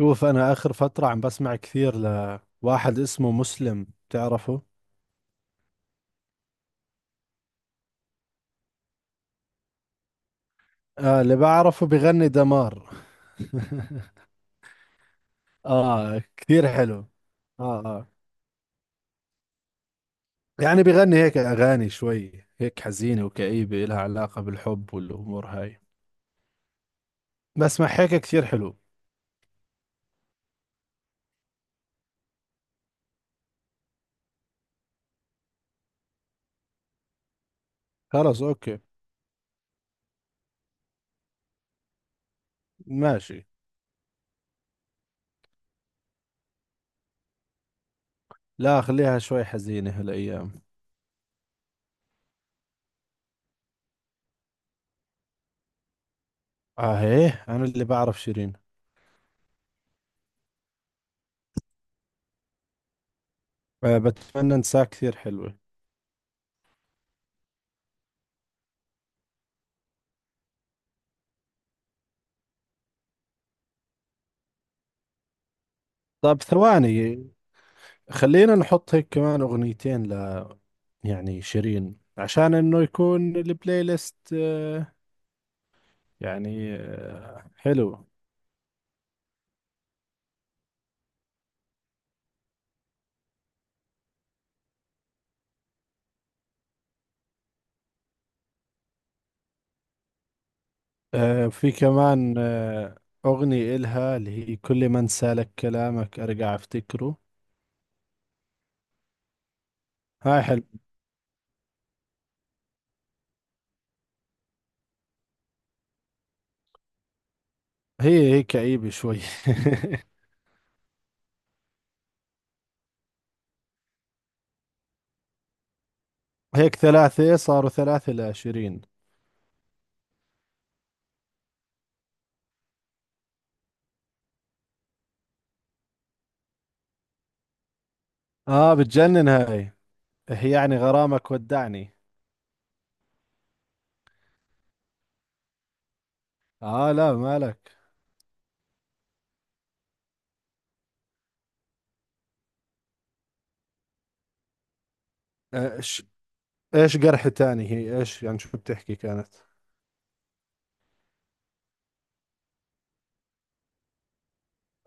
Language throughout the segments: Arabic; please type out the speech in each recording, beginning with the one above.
شوف انا اخر فترة عم بسمع كثير لواحد اسمه مسلم تعرفه. آه اللي بعرفه بغني دمار. اه كثير حلو. اه اه يعني بغني هيك اغاني شوي هيك حزينة وكئيبة لها علاقة بالحب والامور هاي. بسمع هيك كثير حلو. خلص اوكي، ماشي. لا خليها شوي حزينة هالايام. اه هيه انا اللي بعرف شيرين. آه بتمنى انساك كثير حلوة. طب ثواني، خلينا نحط هيك كمان اغنيتين، يعني شيرين عشان انه يكون البلاي ليست يعني حلو. في كمان أغنية إلها اللي هي كل من سالك كلامك أرجع أفتكره. هاي حلو. هي كئيبة شوي. هيك ثلاثة صاروا ثلاثة لشيرين. آه بتجنن هاي، هي يعني غرامك ودعني. آه لا مالك. إيش، إيش جرح تاني هي؟ إيش يعني شو بتحكي كانت؟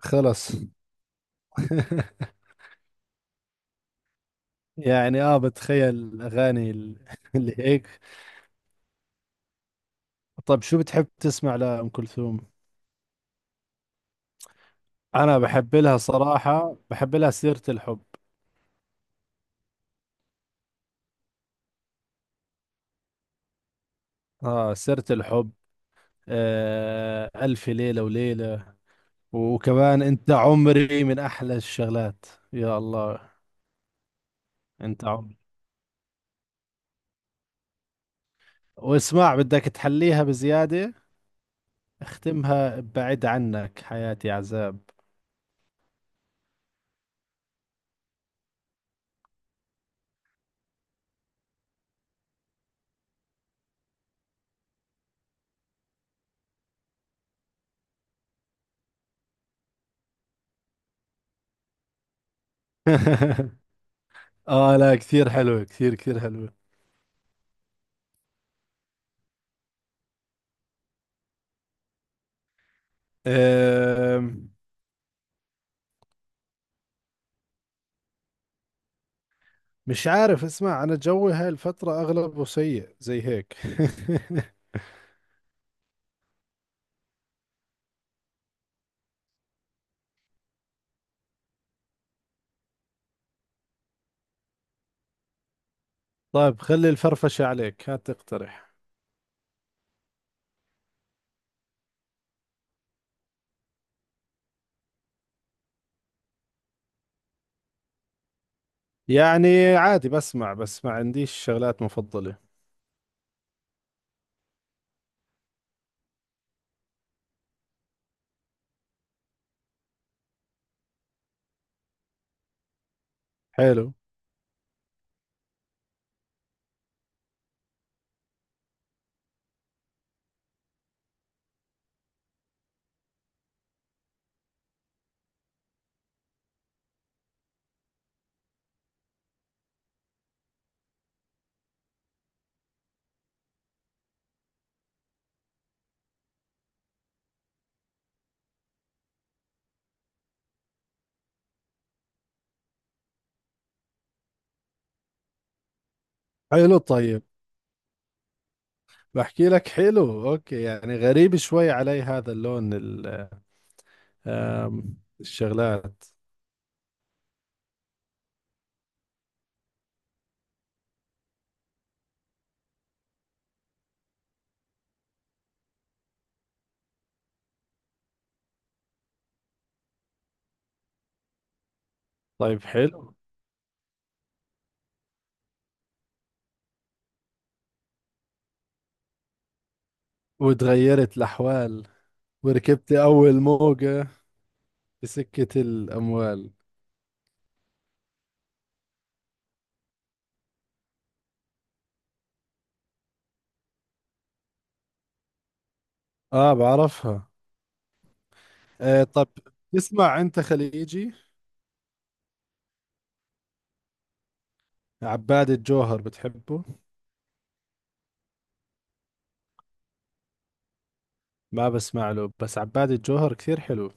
خلص. يعني اه بتخيل الاغاني اللي هيك. طيب شو بتحب تسمع لأم كلثوم؟ انا بحب لها صراحة، بحب لها سيرة الحب. اه سيرة الحب، آه الف ليلة وليلة، وكمان انت عمري من احلى الشغلات. يا الله! انت عمري، واسمع بدك تحليها بزيادة، اختمها بعد عنك حياتي عذاب. اه لا كثير حلوة، كثير كثير حلوة. آه مش عارف، اسمع انا جوي هاي الفترة اغلبه سيء زي هيك. طيب خلي الفرفشة عليك، هات تقترح. يعني عادي بسمع بس ما عنديش شغلات مفضلة. حلو. حلو طيب. بحكي لك حلو اوكي، يعني غريب شوي علي هذا اللون الشغلات. طيب حلو. وتغيرت الاحوال. وركبت اول موجة. بسكة الاموال. اه بعرفها. آه طب، تسمع انت خليجي؟ عباد الجوهر بتحبه؟ ما بسمع له، بس عباد الجوهر كثير حلو.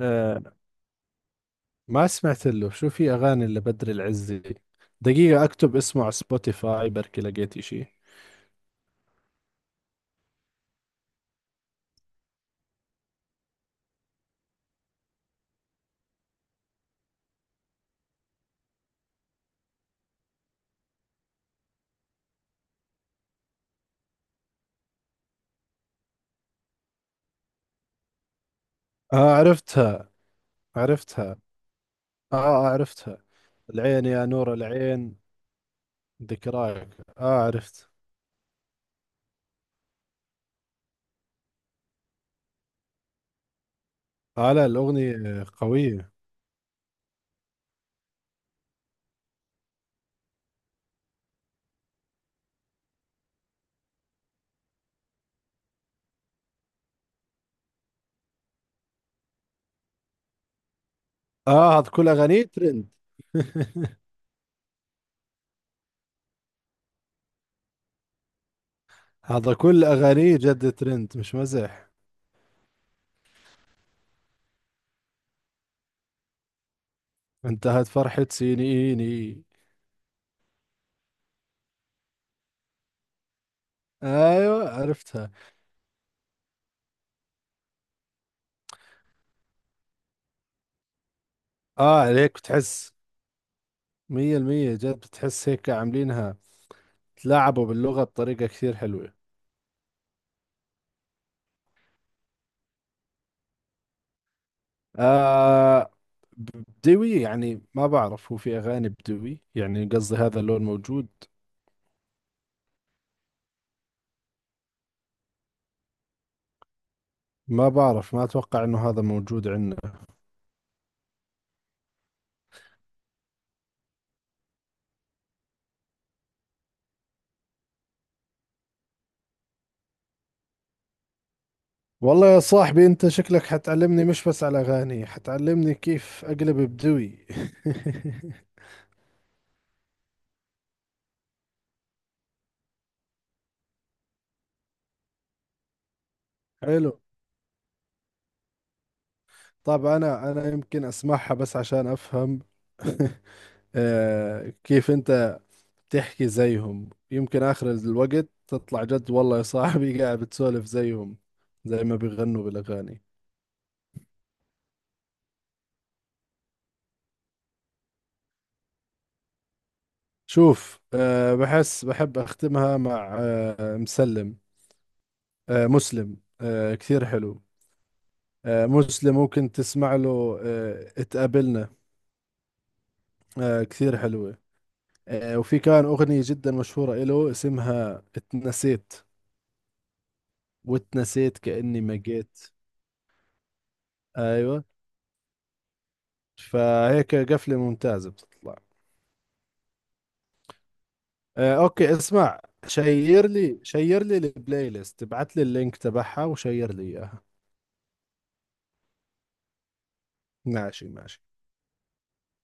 آه ما سمعت له، شو في أغاني لبدر العزي؟ دقيقة أكتب اسمه على سبوتيفاي بركي لقيت إشي. آه عرفتها. عرفتها. آه آه، عرفتها. العين يا نور العين. ذكراك آه عرفت. آه لا الأغنية قوية. آه هذا كل أغانيه ترند. هذا كل أغانيه جد ترند مش مزح. انتهت فرحة سنيني. ايوه عرفتها. اه عليك، بتحس مية المية، جد بتحس هيك عاملينها، تلاعبوا باللغة بطريقة كثير حلوة. آه بدوي يعني ما بعرف، هو في أغاني بدوي يعني؟ قصدي هذا اللون موجود؟ ما بعرف، ما أتوقع إنه هذا موجود عندنا. والله يا صاحبي أنت شكلك حتعلمني مش بس على أغاني، حتعلمني كيف أقلب بدوي. حلو. طب أنا أنا يمكن أسمعها بس عشان أفهم. آه كيف أنت تحكي زيهم، يمكن آخر الوقت تطلع جد والله يا صاحبي قاعد بتسولف زيهم زي ما بيغنوا بالأغاني. شوف أه بحس بحب أختمها مع أه مسلم. أه مسلم أه كثير حلو. أه مسلم ممكن تسمع له أه اتقابلنا. أه كثير حلوة. أه وفي كان أغنية جدا مشهورة إله اسمها اتنسيت، واتنسيت كأني ما جيت. أيوة. فهيك قفلة ممتازة بتطلع. اوكي اسمع، شير لي، شير لي البلاي ليست، ابعت لي اللينك تبعها وشير لي اياها. ماشي ماشي.